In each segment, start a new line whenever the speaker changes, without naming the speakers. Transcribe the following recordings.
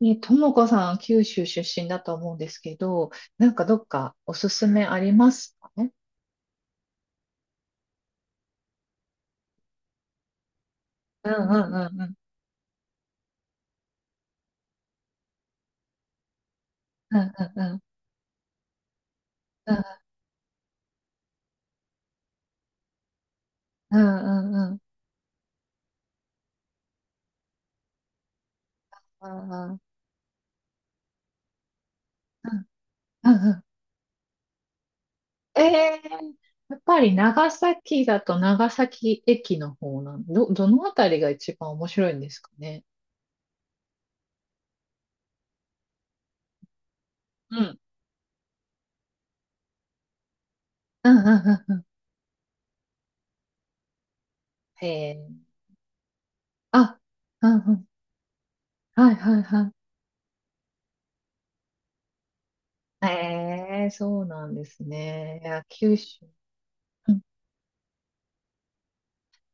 ね、ともこさん、九州出身だと思うんですけど、なんかどっかおすすめありますかね？うんうんうんうん。うんうんうんうんうんうんうん。うんうんうんうん。ええー、やっぱり長崎だと長崎駅の方なん、どのあたりが一番面白いんですかね？うんうんうんうんうん。へえ。あ、うんうん。はいはいはい。ええ、そうなんですね。いや、九州。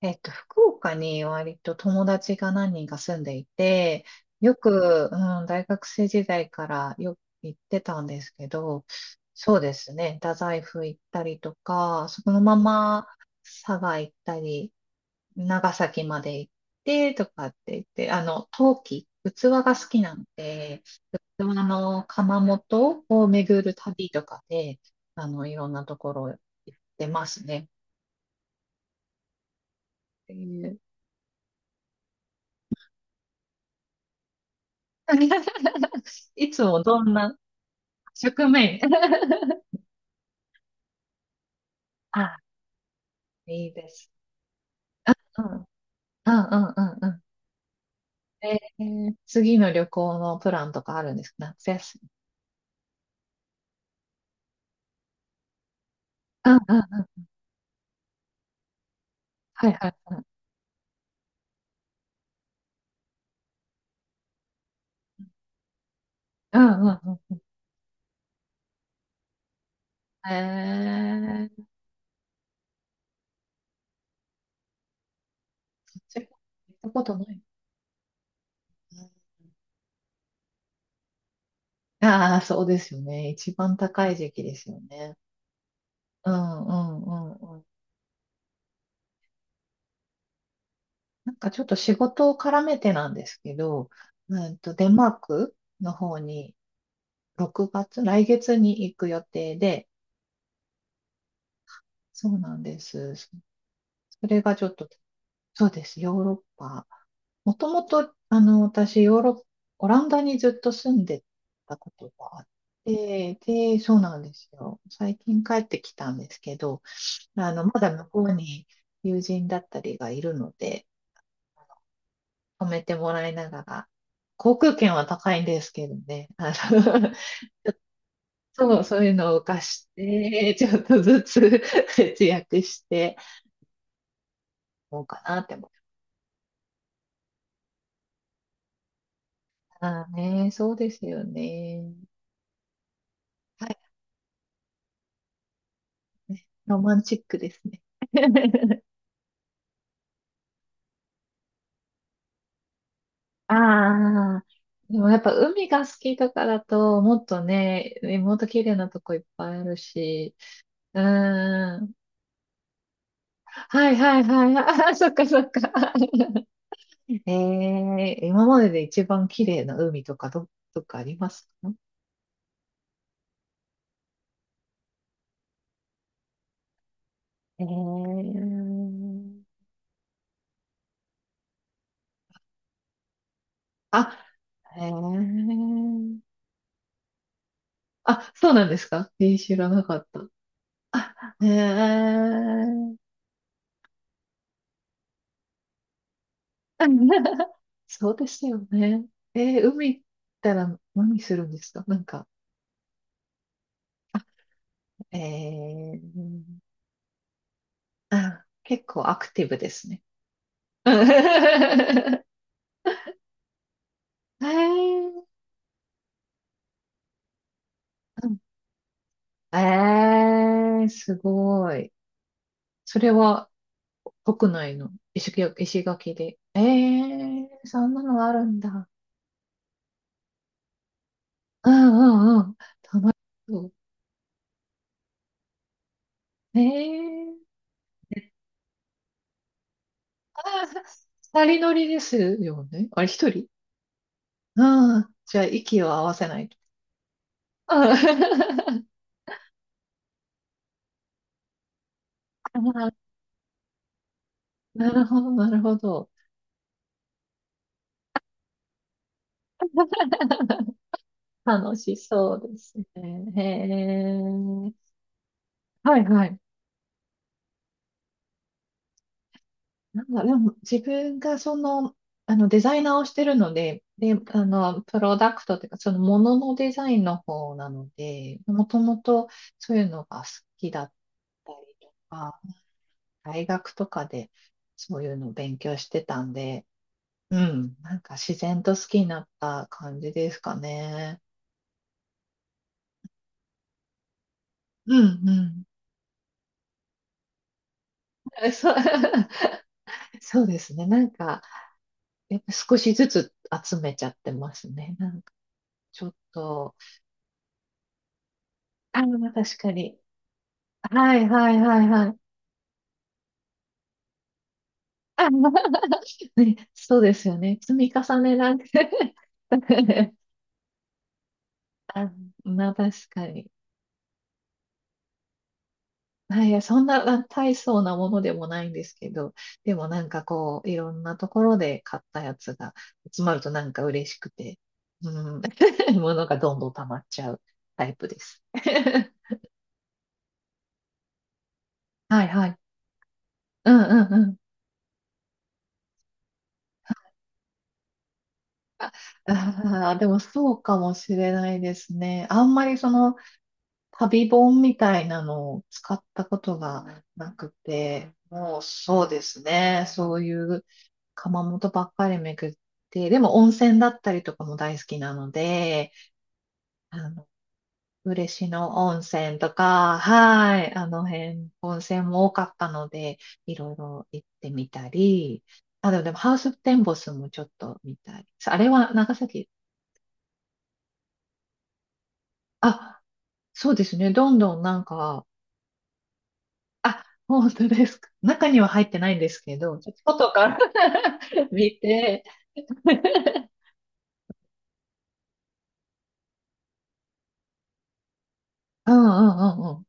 福岡に割と友達が何人か住んでいて、よく、うん、大学生時代からよく行ってたんですけど、そうですね、太宰府行ったりとか、そのまま佐賀行ったり、長崎まで行ってとかって言って、器が好きなんで、器の窯元を巡る旅とかで、いろんなところ行ってますね。っていう いつもどんな食面 あ、いいです。うん。うんうんうんうん。次の旅行のプランとかあるんですか夏休み？うんうんうん。はいはいはい。うんうんうん。えー、それ行ったことない。ああ、そうですよね。一番高い時期ですよね。うんうんうんうん。なんかちょっと仕事を絡めてなんですけど、デンマークの方に6月、来月に行く予定で、そうなんです。それがちょっと、そうです、ヨーロッパ。もともと、私、ヨーロッ、オランダにずっと住んでたことがあって、で、そうなんですよ。最近帰ってきたんですけど、まだ向こうに友人だったりがいるので、泊めてもらいながら、航空券は高いんですけどね、そう、そういうのを貸して、ちょっとずつ節約して、もうかなって、ああね、そうですよね。はい、ロマンチックですね。ああ、でもやっぱ海が好きとかだと、もっとね、もっと綺麗なとこいっぱいあるし、うーん。はいはいはい。ああ、そっかそっか。ええ、今までで一番綺麗な海とかど、どっかありますか？ええ、あ、ええ、あ、そうなんですか？えー、知らなかった。あ、へえ。そうですよね。海行ったら何するんですかなんか、えー、あ、結構アクティブですね。えー、うんえー、すごい。それは国内の石垣で。えー、そんなのあるんだ。うんうんうん。楽しそう。えー、ああ、二人乗りですよね。あれ、一人。ああ、じゃあ、息を合わせないと。あー あー、なるほど、なるほど。楽しそうですね。へえ。はいはい。なんだ、でも自分がデザイナーをしてるので、で、プロダクトというか、そのもののデザインの方なので、もともとそういうのが好きだったりとか、大学とかでそういうのを勉強してたんで、うん、なんか自然と好きになった感じですかね。うんうん。そう、そうですね。なんか、やっぱ少しずつ集めちゃってますね。なんか、ちょっと、ああ、確かに。はいはいはいはい。そうですよね。積み重ねなんて あ、まあ確かに。はい、いや、そんな大層なものでもないんですけど、でもなんかこう、いろんなところで買ったやつが集まるとなんか嬉しくて、うん、物がどんどん溜まっちゃうタイプです。はいはい。うんうんうん。ああ、でもそうかもしれないですね。あんまりその旅本みたいなのを使ったことがなくて、もうそうですね。そういう窯元ばっかり巡って、でも温泉だったりとかも大好きなので、あの、嬉野温泉とか、はい、あの辺、温泉も多かったので、いろいろ行ってみたり、あ、でもハウステンボスもちょっと見たり。あれは長崎。あ、そうですね。どんどんなんか、あ、本当ですか？中には入ってないんですけど、ちょっと外から 見て、うんうんうんうん。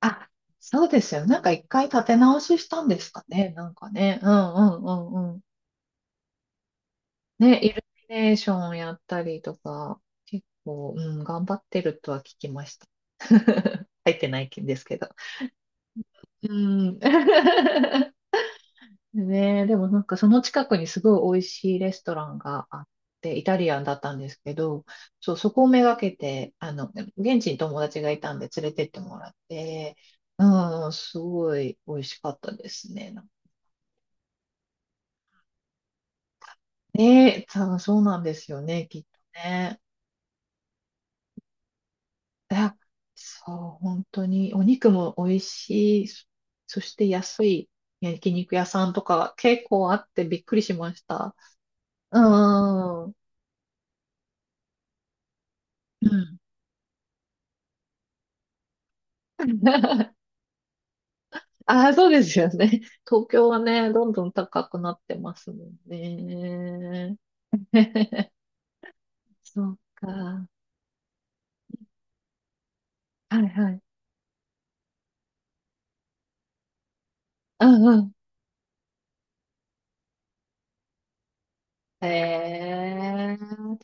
あ、そうですよ。なんか一回立て直ししたんですかね。なんかね。うんうんうんうん。ね、イルミネーションやったりとか、結構、うん、頑張ってるとは聞きました。けど。うん。ねえ、でもなんかその近くにすごい美味しいレストランがあって、イタリアンだったんですけど、そう、そこをめがけて、現地に友達がいたんで連れてってもらって、うん、すごい美味しかったですね。ねえ、そうそうなんですよね、きっとね。あ、そう、本当に。お肉も美味しい。そして安い焼肉屋さんとか結構あってびっくりしました。うーん。うん。ああ、そうですよね。東京はね、どんどん高くなってますもんね。そうか。はいはい。うんうん。ええ、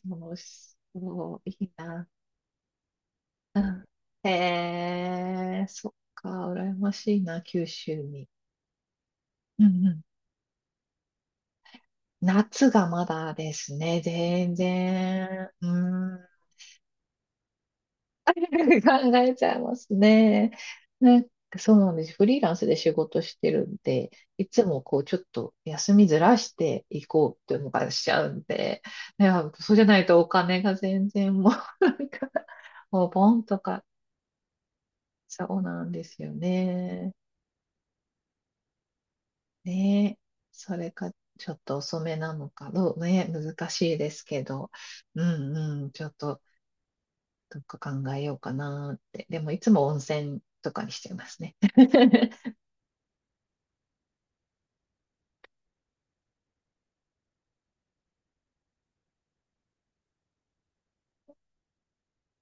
楽しそう。いいな。うん。へえ、そっか、羨ましいな、九州に。うんうん。夏がまだですね、全然。うーん。考えちゃいますね。なんかそうなんです。フリーランスで仕事してるんで、いつもこう、ちょっと休みずらしていこうっていうのがしちゃうんで、いや、そうじゃないとお金が全然もう、なんか、もうボンとか、そうなんですよね。ねえ、それか、ちょっと遅めなのか、どうね、難しいですけど、うんうん、ちょっと、どっか考えようかなって。でも、いつも温泉とかにしてますね。